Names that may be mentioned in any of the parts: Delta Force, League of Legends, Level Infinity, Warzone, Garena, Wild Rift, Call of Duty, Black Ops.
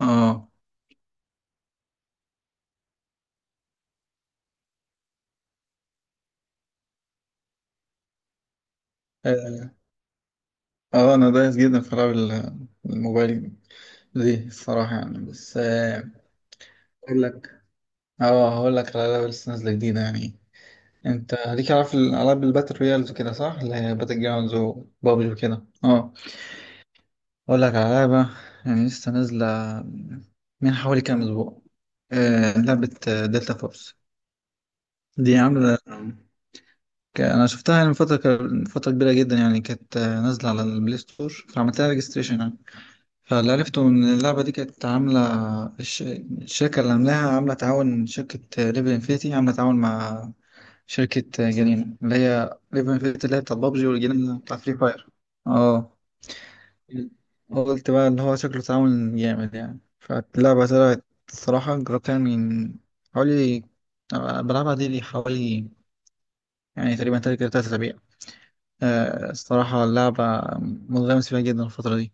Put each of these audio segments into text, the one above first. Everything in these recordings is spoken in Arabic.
اه اه انا دايس جدا في العاب الموبايل دي الصراحة يعني بس آه، اقول لك اه هقول لك على العاب اللي لسه نازلة جديدة يعني. انت ليك عارف الالعاب الباتل رويالز كده صح؟ اللي هي باتل جراوندز وبابجي وكده. اه، اقول لك على لعبة يعني لسه نازلة من حوالي كام اسبوع. لعبة دلتا فورس دي عاملة. انا شفتها يعني من فترة من فترة كبيرة جدا يعني، كانت نازلة على البلاي ستور، فعملت لها ريجستريشن. فاللي عرفته إن اللعبة دي كانت عاملة، الشركة اللي عاملاها عاملة تعاون. شركة ليفل انفينيتي عاملة تعاون مع شركة جنين، اللي هي ليفل انفينيتي اللي هي بتاعت بابجي، والجنين اللي بتاع فري فاير. اه، قلت بقى اللي هو شكله تعاون جامد يعني. فاللعبة طلعت الصراحة، جربتها من حوالي، بلعبها دي لي حوالي، يعني تقريبا تلات أسابيع. الصراحة اللعبة منغمس فيها جدا الفترة دي.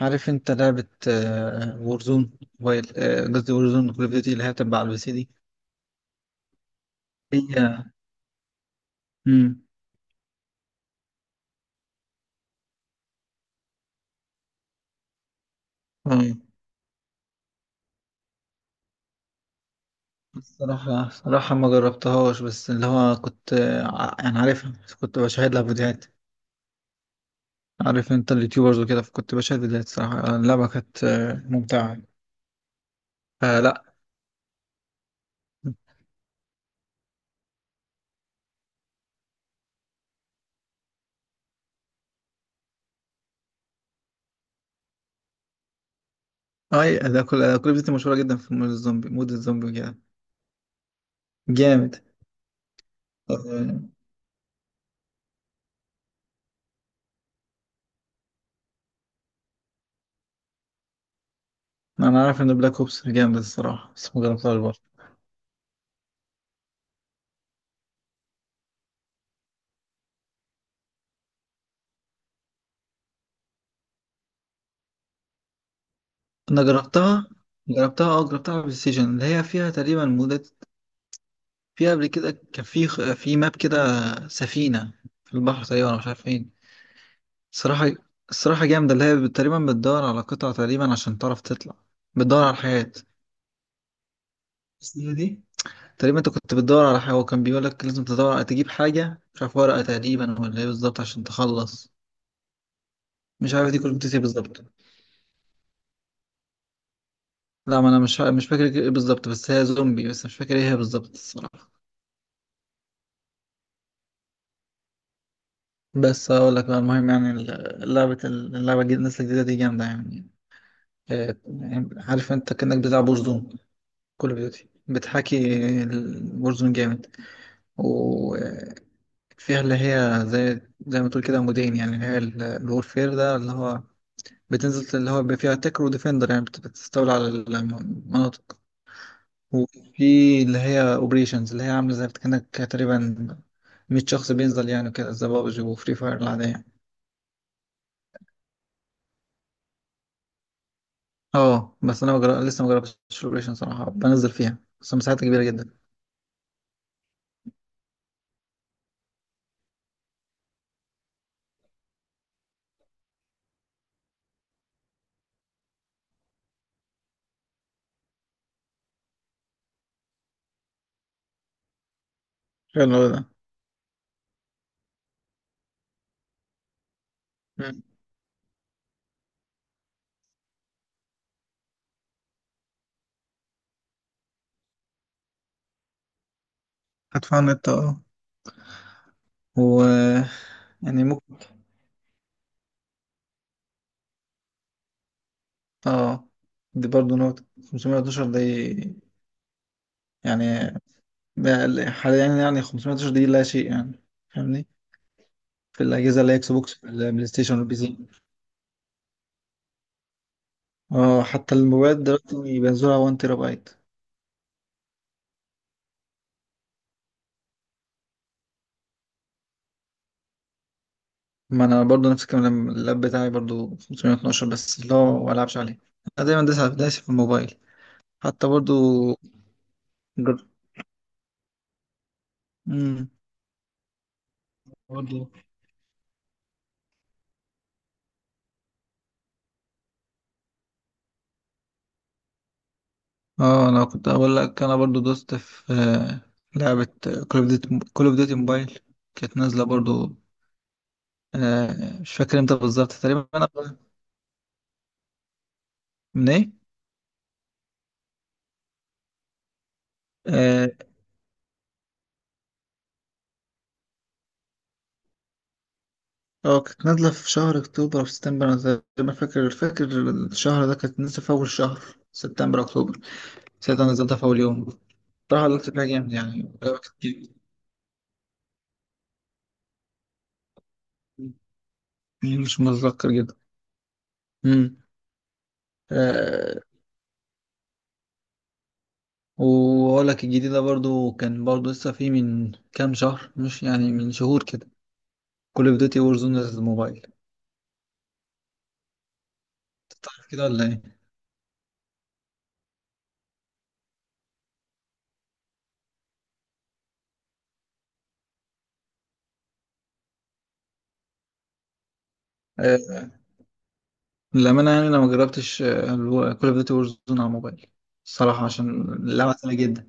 عارف انت لعبة وورزون موبايل، قصدي وورزون كول اوف ديوتي اللي هي تبع على البي سي دي؟ هي. مم. اه، الصراحة صراحة ما جربتهاش، بس اللي هو كنت يعني عارفها، بس كنت بشاهد لها فيديوهات. عارف انت اليوتيوبرز وكده، فكنت بشاهد فيديوهات. صراحة اللعبة كانت ممتعة. آه لا، اي ده، كل ده كل فيديوهات مشهورة جدا في مود الزومبي، مود الزومبي وكده. جامد. آه، انا عارف ان بلاك اوبس جامد الصراحة، بس ما جربتهاش برضه. انا جربتها، جربتها، اه جربتها على البلاي ستيشن اللي هي فيها تقريبا مدة. فيها قبل كده كان في ماب كده، سفينة في البحر تقريبا، أنا مش عارف فين الصراحة. الصراحة جامدة، اللي هي تقريبا بتدور على قطع تقريبا عشان تعرف تطلع، بتدور على الحياة. بس هي دي تقريبا، انت كنت بتدور على حاجة وكان بيقولك لازم تدور تجيب حاجة، مش عارف ورقة تقريبا ولا ايه بالظبط، عشان تخلص. مش عارف دي كنت بتسيب بالظبط. لا، ما انا مش فاكر ايه بالظبط، بس هي زومبي، بس مش فاكر ايه هي بالظبط الصراحة. بس اقول لك بقى المهم، يعني اللعبة الجديدة الناس الجديدة دي جامدة يعني. يعني عارف انت كأنك بتلعب بورزون، كول اوف ديوتي بتحاكي البورزون، جامد. وفيها اللي هي زي، زي ما تقول كده، مودين يعني. اللي هي الورفير ده، اللي هو بتنزل، اللي هو بيبقى فيها تكر وديفندر يعني، بتستولي على المناطق. وفي اللي هي اوبريشنز، اللي هي عاملة زي كأنك تقريبا 100 شخص بينزل، يعني كده زي بابجي وفري فاير العادية. اه، بس انا لسه ما جربتش الاوبريشن صراحه، بنزل فيها بس مساحتها كبيره جدا. حلو أوي ده. مم. هدفع النت اه، و يعني ممكن، اه دي برضه نقطة. 512 دي يعني، ده حاليا يعني 512 دي لا شيء يعني، فاهمني، في الأجهزة اللي هي إكس بوكس في البلاي ستيشن والبي سي. اه، حتى الموبايلات دلوقتي بينزلوها 1 تيرا بايت. ما أنا برضه نفس الكلام، لما اللاب بتاعي برضه 512، بس اللي هو ما ألعبش عليه. أنا دايما دايس دايس في الموبايل. حتى برضه. جد. مم. برضه. اه، انا كنت اقول لك انا برضو دوست في لعبة كول اوف ديوتي، كول اوف ديوتي موبايل، كانت نازلة برضو. مش فاكر امتى بالظبط تقريبا انا، من ايه. اه كانت نازلة في شهر اكتوبر او سبتمبر انا تقريبا فاكر. الشهر ده كانت نازلة في اول شهر سبتمبر اكتوبر. ساعتها نزلتها في اول يوم. بصراحة لعبت فيها جامد، يعني لعبة كانت جامدة. مم. مش متذكر جدا. امم واقول لك الجديده برضو، كان برضو لسه في من كام شهر، مش يعني من شهور كده. كول اوف ديوتي وور زون للموبايل، أنت تعرف كده ولا ايه؟ آه، للامانه يعني انا ما جربتش كول اوف ديوتي وور زون على الموبايل الصراحه، عشان اللعبه سهله جدا.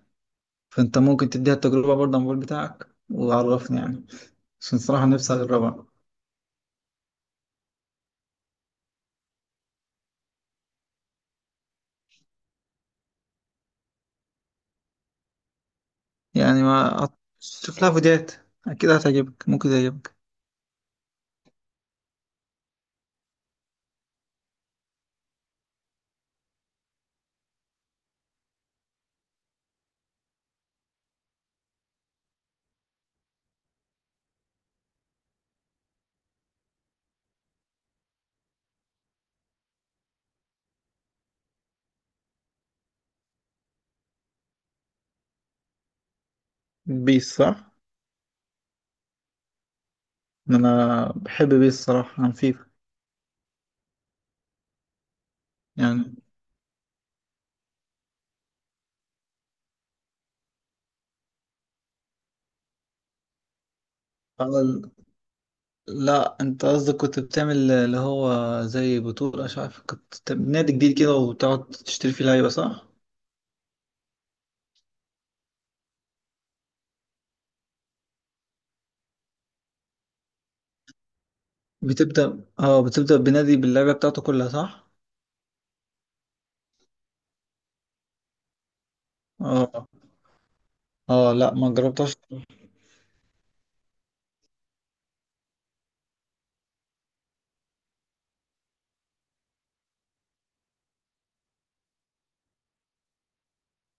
فانت ممكن تديها التجربه برضه على الموبايل بتاعك وعرفني يعني، عشان الصراحه نفسي اجربها. يعني ما أط- شوف لها فيديوهات، اكيد هتعجبك، ممكن تعجبك. بيس صح. انا بحب بيس الصراحه عن فيفا يعني. لا، انت قصدك كنت بتعمل اللي هو زي بطولة، مش عارف، كنت نادي جديد كده وتقعد تشتري فيه لعيبة صح؟ بتبدأ، اه بتبدأ بنادي باللعبة بتاعته كلها صح؟ اه، اه لا ما جربتهاش.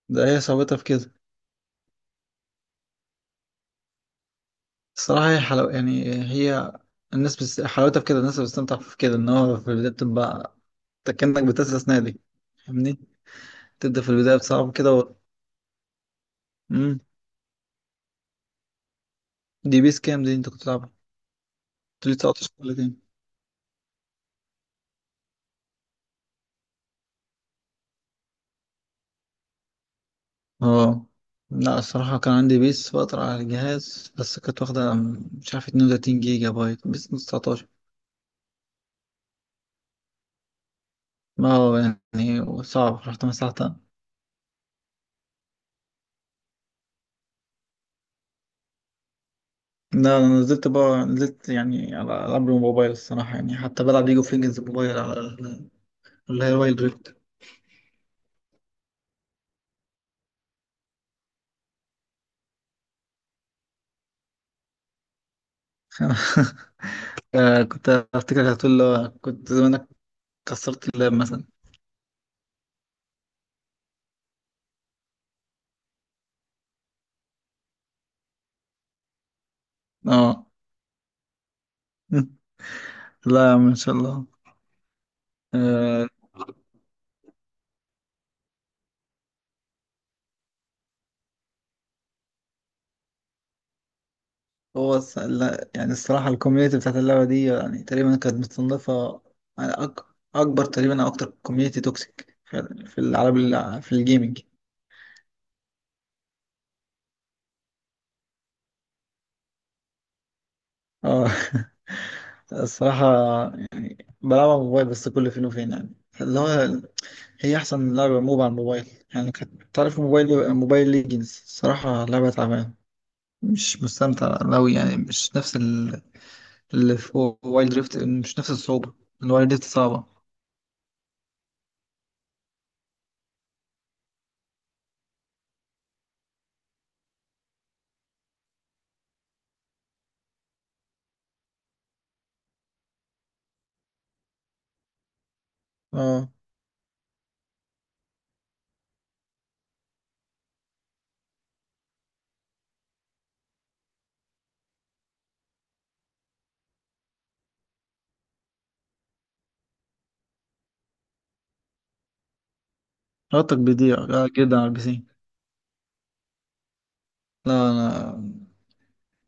ده هي صعوبتها في كده. الصراحة هي حلو يعني، هي الناس حلاوتها في كده، الناس بتستمتع في كده ان هو في البداية بتبقى أنت كأنك بتأسس نادي، فاهمني؟ تبدأ في البداية بصعب كده و... مم. دي بيس كام دي انت كنت بتلعبها؟ 19 ولا كام؟ اه لا، الصراحة كان عندي بيس فترة على الجهاز، بس كانت واخدة، مش عارف، 32 جيجا بايت بيس 19. ما هو يعني صعب، رحت مسحتها. لا، أنا نزلت بقى، نزلت يعني على العاب الموبايل الصراحة يعني. حتى بلعب ليج اوف ليجندز موبايل على اللي هي وايلد ريفت. كنت افتكر هتقول له كنت زمانك كسرت اللاب مثلا. اه. لا يا عم ان شاء الله. آه، هو لا يعني الصراحة الكوميونتي بتاعت اللعبة دي يعني تقريبا كانت متصنفة على أكبر تقريبا أو أكتر كوميونتي توكسيك في في العالم في الجيمنج. اه. الصراحة بلعبها على الموبايل بس كل فين وفين يعني، اللي هو هي أحسن لعبة موب على الموبايل يعني. كانت تعرف موبايل موبايل ليجنز؟ الصراحة لعبة تعبانة، مش مستمتع أوي يعني. مش نفس اللي في وايلد ريفت، مش نفس الصعوبة، الوايلد ريفت صعبة. اه، رابطك بيضيع جدا على البي سي. لا، انا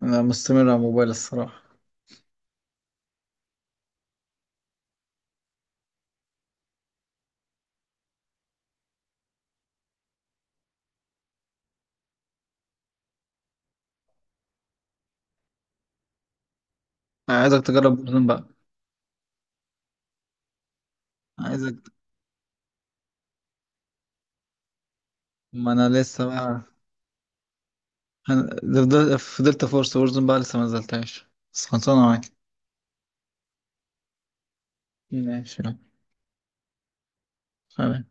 انا مستمر على موبايل الصراحه. أنا عايزك تجرب وورزون بقى. عايزك. ما انا لسه بقى، أنا فضلت فرصه وورزون بقى لسه ما نزلتهاش، بس خلصانه معاك. ماشي يلا. سلام.